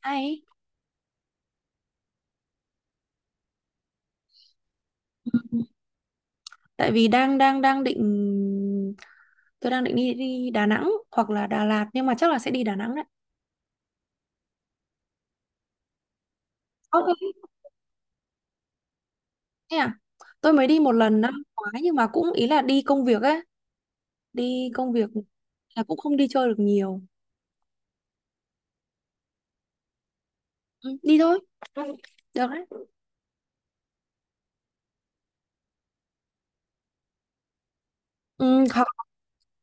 Hay. Ừ. Tại vì đang đang đang định tôi đang định đi đi Đà Nẵng hoặc là Đà Lạt, nhưng mà chắc là sẽ đi Đà Nẵng đấy. Ok. Thế à? Tôi mới đi một lần năm ngoái nhưng mà cũng ý là đi công việc ấy, đi công việc là cũng không đi chơi được nhiều. Ừ, đi thôi, được đấy. Ừ, hoặc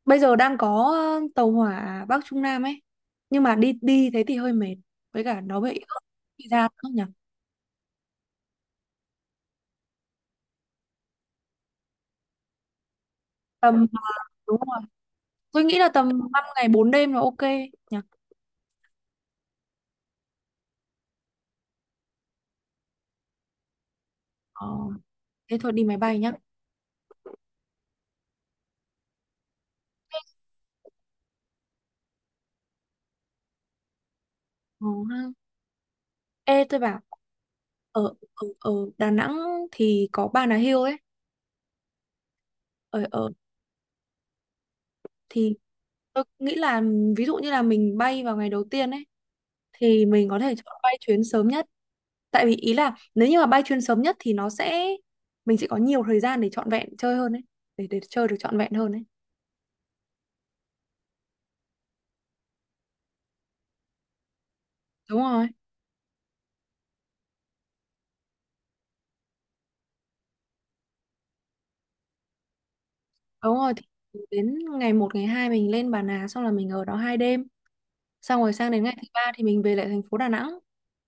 bây giờ đang có tàu hỏa Bắc Trung Nam ấy. Nhưng mà đi đi thế thì hơi mệt. Với cả nó bị ướt bị ra nữa nhỉ. Tầm Đúng rồi. Tôi nghĩ là tầm 5 ngày 4 đêm là ok nhỉ. Ờ. Thế thôi đi máy bay nhá. Ờ, ha. Ê, tôi bảo ở, ở, ở Đà Nẵng thì có Bà Nà Hills ấy. Ở, ở thì tôi nghĩ là ví dụ như là mình bay vào ngày đầu tiên ấy thì mình có thể chọn bay chuyến sớm nhất. Tại vì ý là nếu như mà bay chuyến sớm nhất thì nó sẽ mình sẽ có nhiều thời gian để trọn vẹn chơi hơn ấy, để chơi được trọn vẹn hơn ấy. Đúng rồi. Đúng rồi, thì đến ngày 1 ngày 2 mình lên Bà Nà, xong là mình ở đó 2 đêm. Xong rồi sang đến ngày thứ ba thì mình về lại thành phố Đà Nẵng.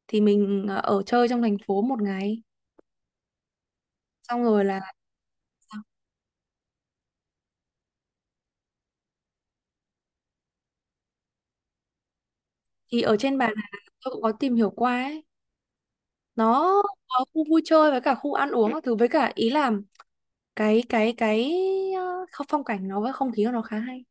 Thì mình ở chơi trong thành phố một ngày xong rồi là thì ở trên Bà Nà tôi cũng có tìm hiểu qua ấy, nó có khu vui chơi với cả khu ăn uống các thứ, với cả ý là cái ờ, không- phong cảnh nó với không khí của nó khá hay.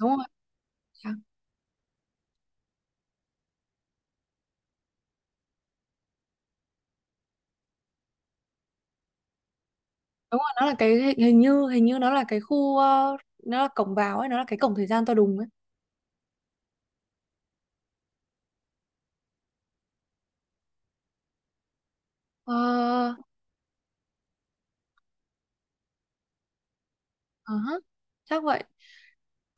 Đúng rồi. À, đúng rồi, nó là cái hình hình như nó là cái khu, nó là cổng vào ấy, nó là cái cổng thời gian to đùng ấy. Ờ ờ hả, chắc vậy.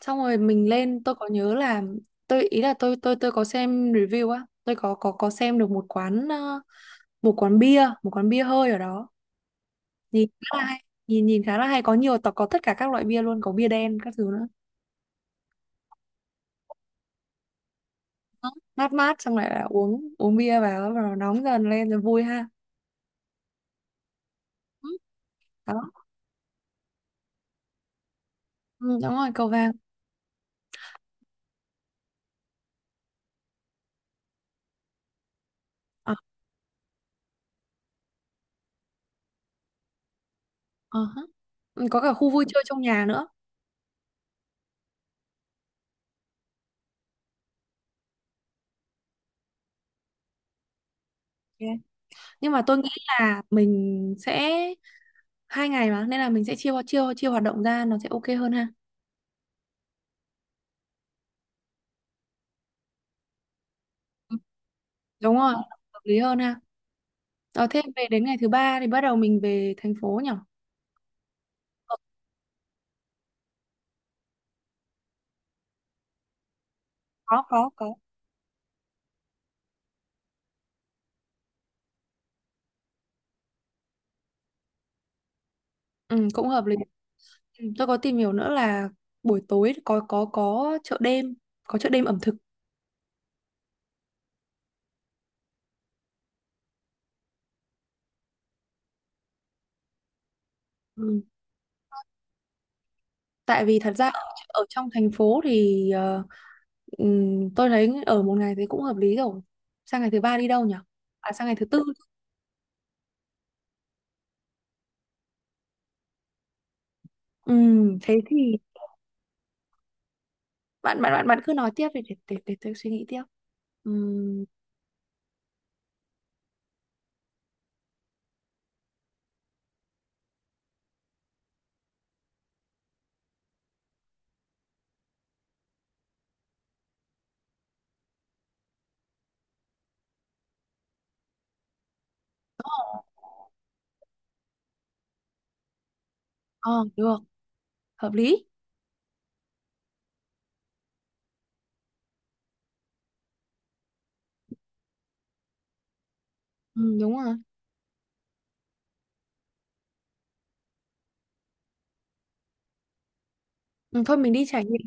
Xong rồi mình lên, tôi có nhớ là, tôi ý là tôi có xem review á, tôi có xem được một quán bia hơi ở đó, nhìn khá là hay, nhìn nhìn khá là hay, có nhiều tộc, có tất cả các loại bia luôn, có bia đen các thứ nữa. Đó, mát mát xong lại là uống uống bia vào rồi nóng dần lên rồi vui ha. Ừ, đó. Ừ, đúng rồi, cầu vàng. Ờ, ờ hả. Ừ, có cả khu vui chơi trong nhà nữa. Ok. Nhưng mà tôi nghĩ là mình sẽ hai ngày, mà nên là mình sẽ chia chia chia hoạt động ra, nó sẽ ok hơn ha. Ừ, đúng rồi, hợp lý hơn ha. Ờ, thế về đến ngày thứ ba thì bắt đầu mình về thành phố nhỉ. Ờ, có. Ừ, cũng hợp lý. Ừ, tôi có tìm hiểu nữa là buổi tối có chợ đêm, có chợ đêm ẩm thực. Ừ. Tại vì thật ra ở trong thành phố thì tôi thấy ở một ngày thì cũng hợp lý rồi. Sang ngày thứ ba đi đâu nhỉ? À, sang ngày thứ tư. Thế thì bạn bạn bạn bạn cứ nói tiếp đi để tôi suy nghĩ tiếp. Ừm, ờ, được, hợp lý. Ừ, đúng rồi. Ừ, thôi mình đi trải nghiệm.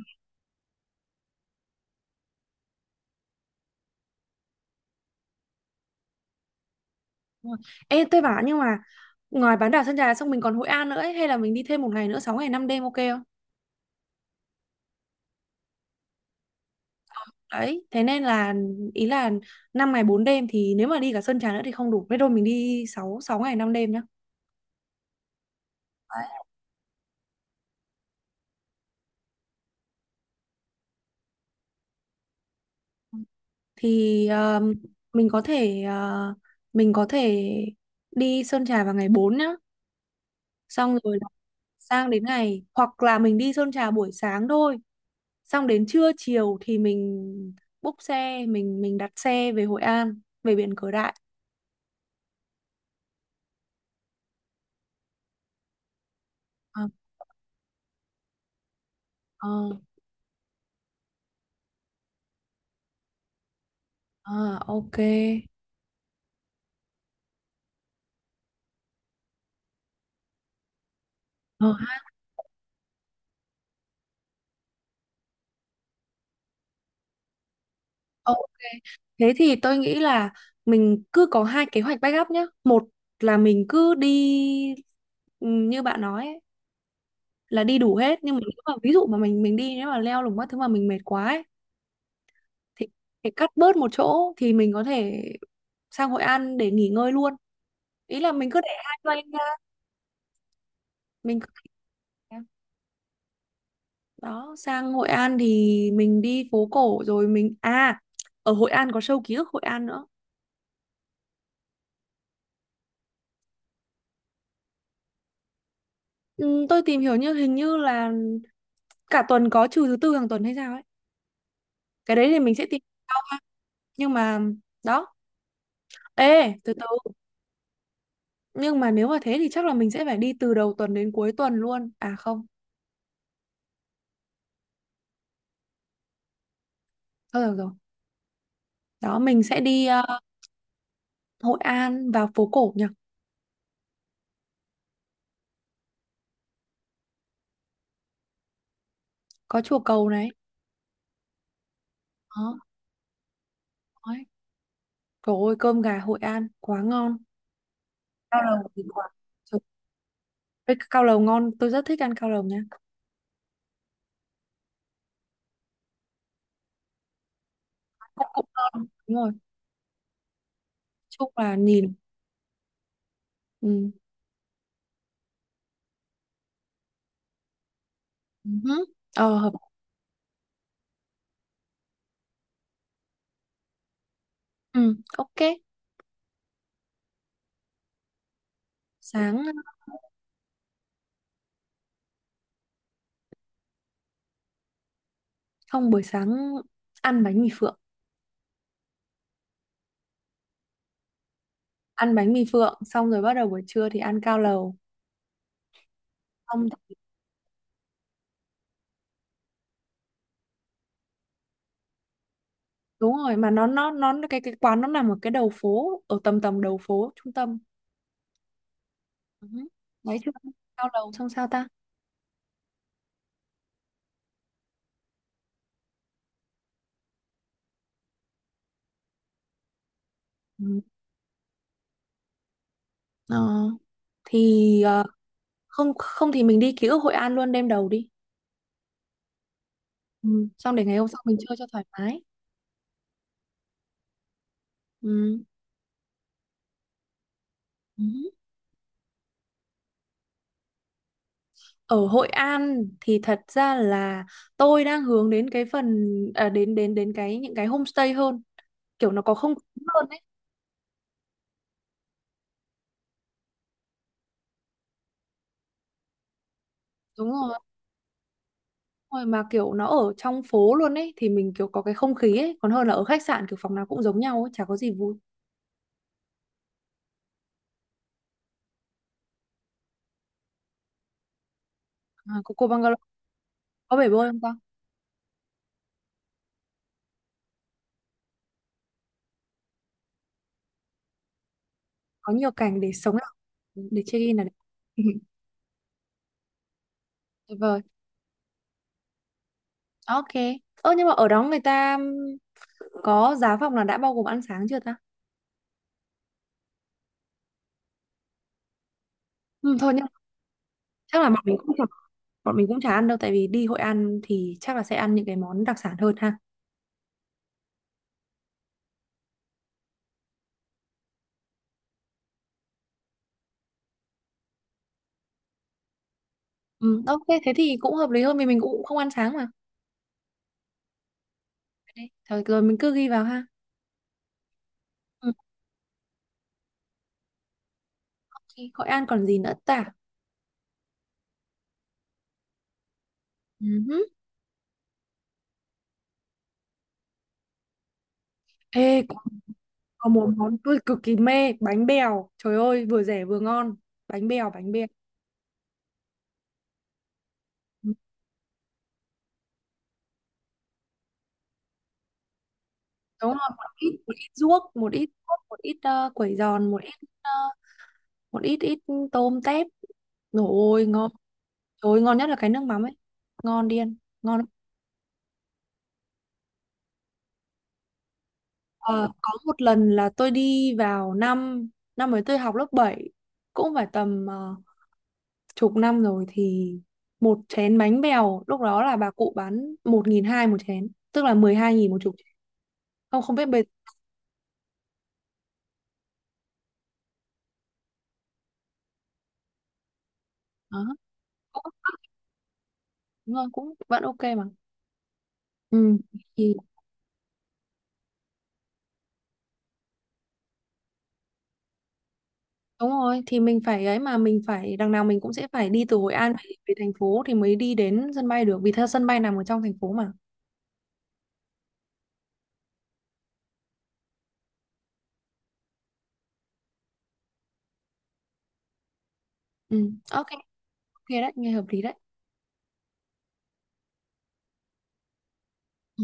Đúng rồi. Ê, tôi bảo, nhưng mà ngoài bán đảo Sơn Trà xong mình còn Hội An nữa ấy, hay là mình đi thêm một ngày nữa, 6 ngày 5 đêm ok. Đấy, thế nên là ý là 5 ngày 4 đêm thì nếu mà đi cả Sơn Trà nữa thì không đủ. Thế thôi mình đi sáu sáu ngày năm đêm nhá. Đấy. Thì ờ, mình có thể ờ, mình có thể đi Sơn Trà vào ngày 4 nhá. Xong rồi là sang đến ngày, hoặc là mình đi Sơn Trà buổi sáng thôi. Xong đến trưa chiều thì mình búc xe, mình đặt xe về Hội An, về biển Cửa Đại. Ờ, ờ, ờ, ok. Ờ. Ok. Thế thì tôi nghĩ là mình cứ có hai kế hoạch backup nhá. Một là mình cứ đi ừ, như bạn nói ấy, là đi đủ hết, nhưng mà nếu mà ví dụ mà mình đi nếu mà leo lủng các thứ mà mình mệt quá ấy, thì thì cắt bớt một chỗ thì mình có thể sang Hội An để nghỉ ngơi luôn. Ý là mình cứ để hai plan ra, mình cứ đó sang Hội An thì mình đi phố cổ rồi mình, ở Hội An có show ký ức Hội An nữa. Ừ, tôi tìm hiểu như hình như là cả tuần có, trừ thứ tư hàng tuần hay sao ấy, cái đấy thì mình sẽ tìm sau, nhưng mà đó, ê từ từ, nhưng mà nếu mà thế thì chắc là mình sẽ phải đi từ đầu tuần đến cuối tuần luôn, à không, thôi được rồi. Đó mình sẽ đi Hội An vào phố cổ nhỉ. Có chùa Cầu này. Đó. Đấy. Trời ơi, cơm gà Hội An quá ngon. Cao lầu thì quá. Trời ơi, cao lầu ngon, tôi rất thích ăn cao lầu nha. Cũng cũng ngon, đúng rồi. Chúc là nhìn. Ừ. Ừ. Ờ hợp. Ừ. Ok. Sáng. Không, buổi sáng ăn bánh mì phượng. Ăn bánh mì phượng xong rồi bắt đầu buổi trưa thì ăn cao lầu. Không thì- đúng rồi, mà nó cái quán nó nằm ở cái đầu phố, ở tầm tầm đầu phố trung tâm. Ừ. Đấy chứ cao lầu xong sao ta? Ừ. Ờ, thì ờ, không không thì mình đi ký ức Hội An luôn đêm đầu đi. Ừ. Xong để ngày hôm sau mình chơi cho thoải mái. Ừ. Ừ. Ở Hội An thì thật ra là tôi đang hướng đến cái phần à, đến đến đến cái những cái homestay hơn, kiểu nó có không khí hơn ấy. Đúng rồi. Đúng rồi, mà kiểu nó ở trong phố luôn ấy thì mình kiểu có cái không khí ấy, còn hơn là ở khách sạn kiểu phòng nào cũng giống nhau ấy, chả có gì vui. À, cô bungalow, có bể bơi không ta? Có nhiều cảnh để sống lại, để check in là được. Tuyệt vời. Ok. Ơ, nhưng mà ở đó người ta có giá phòng là đã bao gồm ăn sáng chưa ta? Ừ, thôi nhưng mà chắc là bọn mình cũng chả, bọn mình cũng chả ăn đâu, tại vì đi Hội An thì chắc là sẽ ăn những cái món đặc sản hơn ha. Ừ, ok, thế thì cũng hợp lý hơn vì mình cũng không ăn sáng mà. Đấy, thôi rồi mình cứ ghi vào ha. Ừ, ok, Hội An còn gì nữa ta? Ừ. Ê, có một món tôi cực kỳ mê, bánh bèo. Trời ơi, vừa rẻ vừa ngon. Bánh bèo, bánh bèo. Ừ, đúng rồi, một ít, một ít ruốc, một ít quẩy giòn, một ít ờ, một ít ít tôm tép. Rồi ôi, ngon. Trời ơi, ngon nhất là cái nước mắm ấy. Ngon điên, ngon lắm. Ờ, có một lần là tôi đi vào năm năm ấy tôi học lớp 7, cũng phải tầm chục năm rồi. Thì một chén bánh bèo lúc đó là bà cụ bán 1.200 một chén, tức là 12.000 một chục chén. Không không biết bây giờ. Cũng đúng rồi, cũng vẫn ok mà. Ừ. Thì đúng rồi, thì mình phải ấy mà, mình phải đằng nào mình cũng sẽ phải đi từ Hội An về, về thành phố thì mới đi đến sân bay được, vì theo sân bay nằm ở trong thành phố mà. Ừ, ok. Ok, đấy nghe hợp lý đấy. Ừ.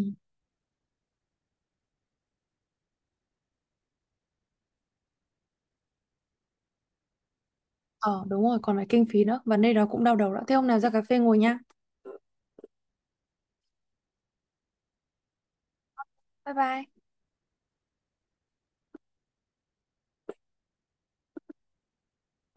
Ờ đúng rồi, còn phải kinh phí nữa, vấn đề đó cũng đau đầu đó, thế hôm nào ra cà phê ngồi nha. Bye bye.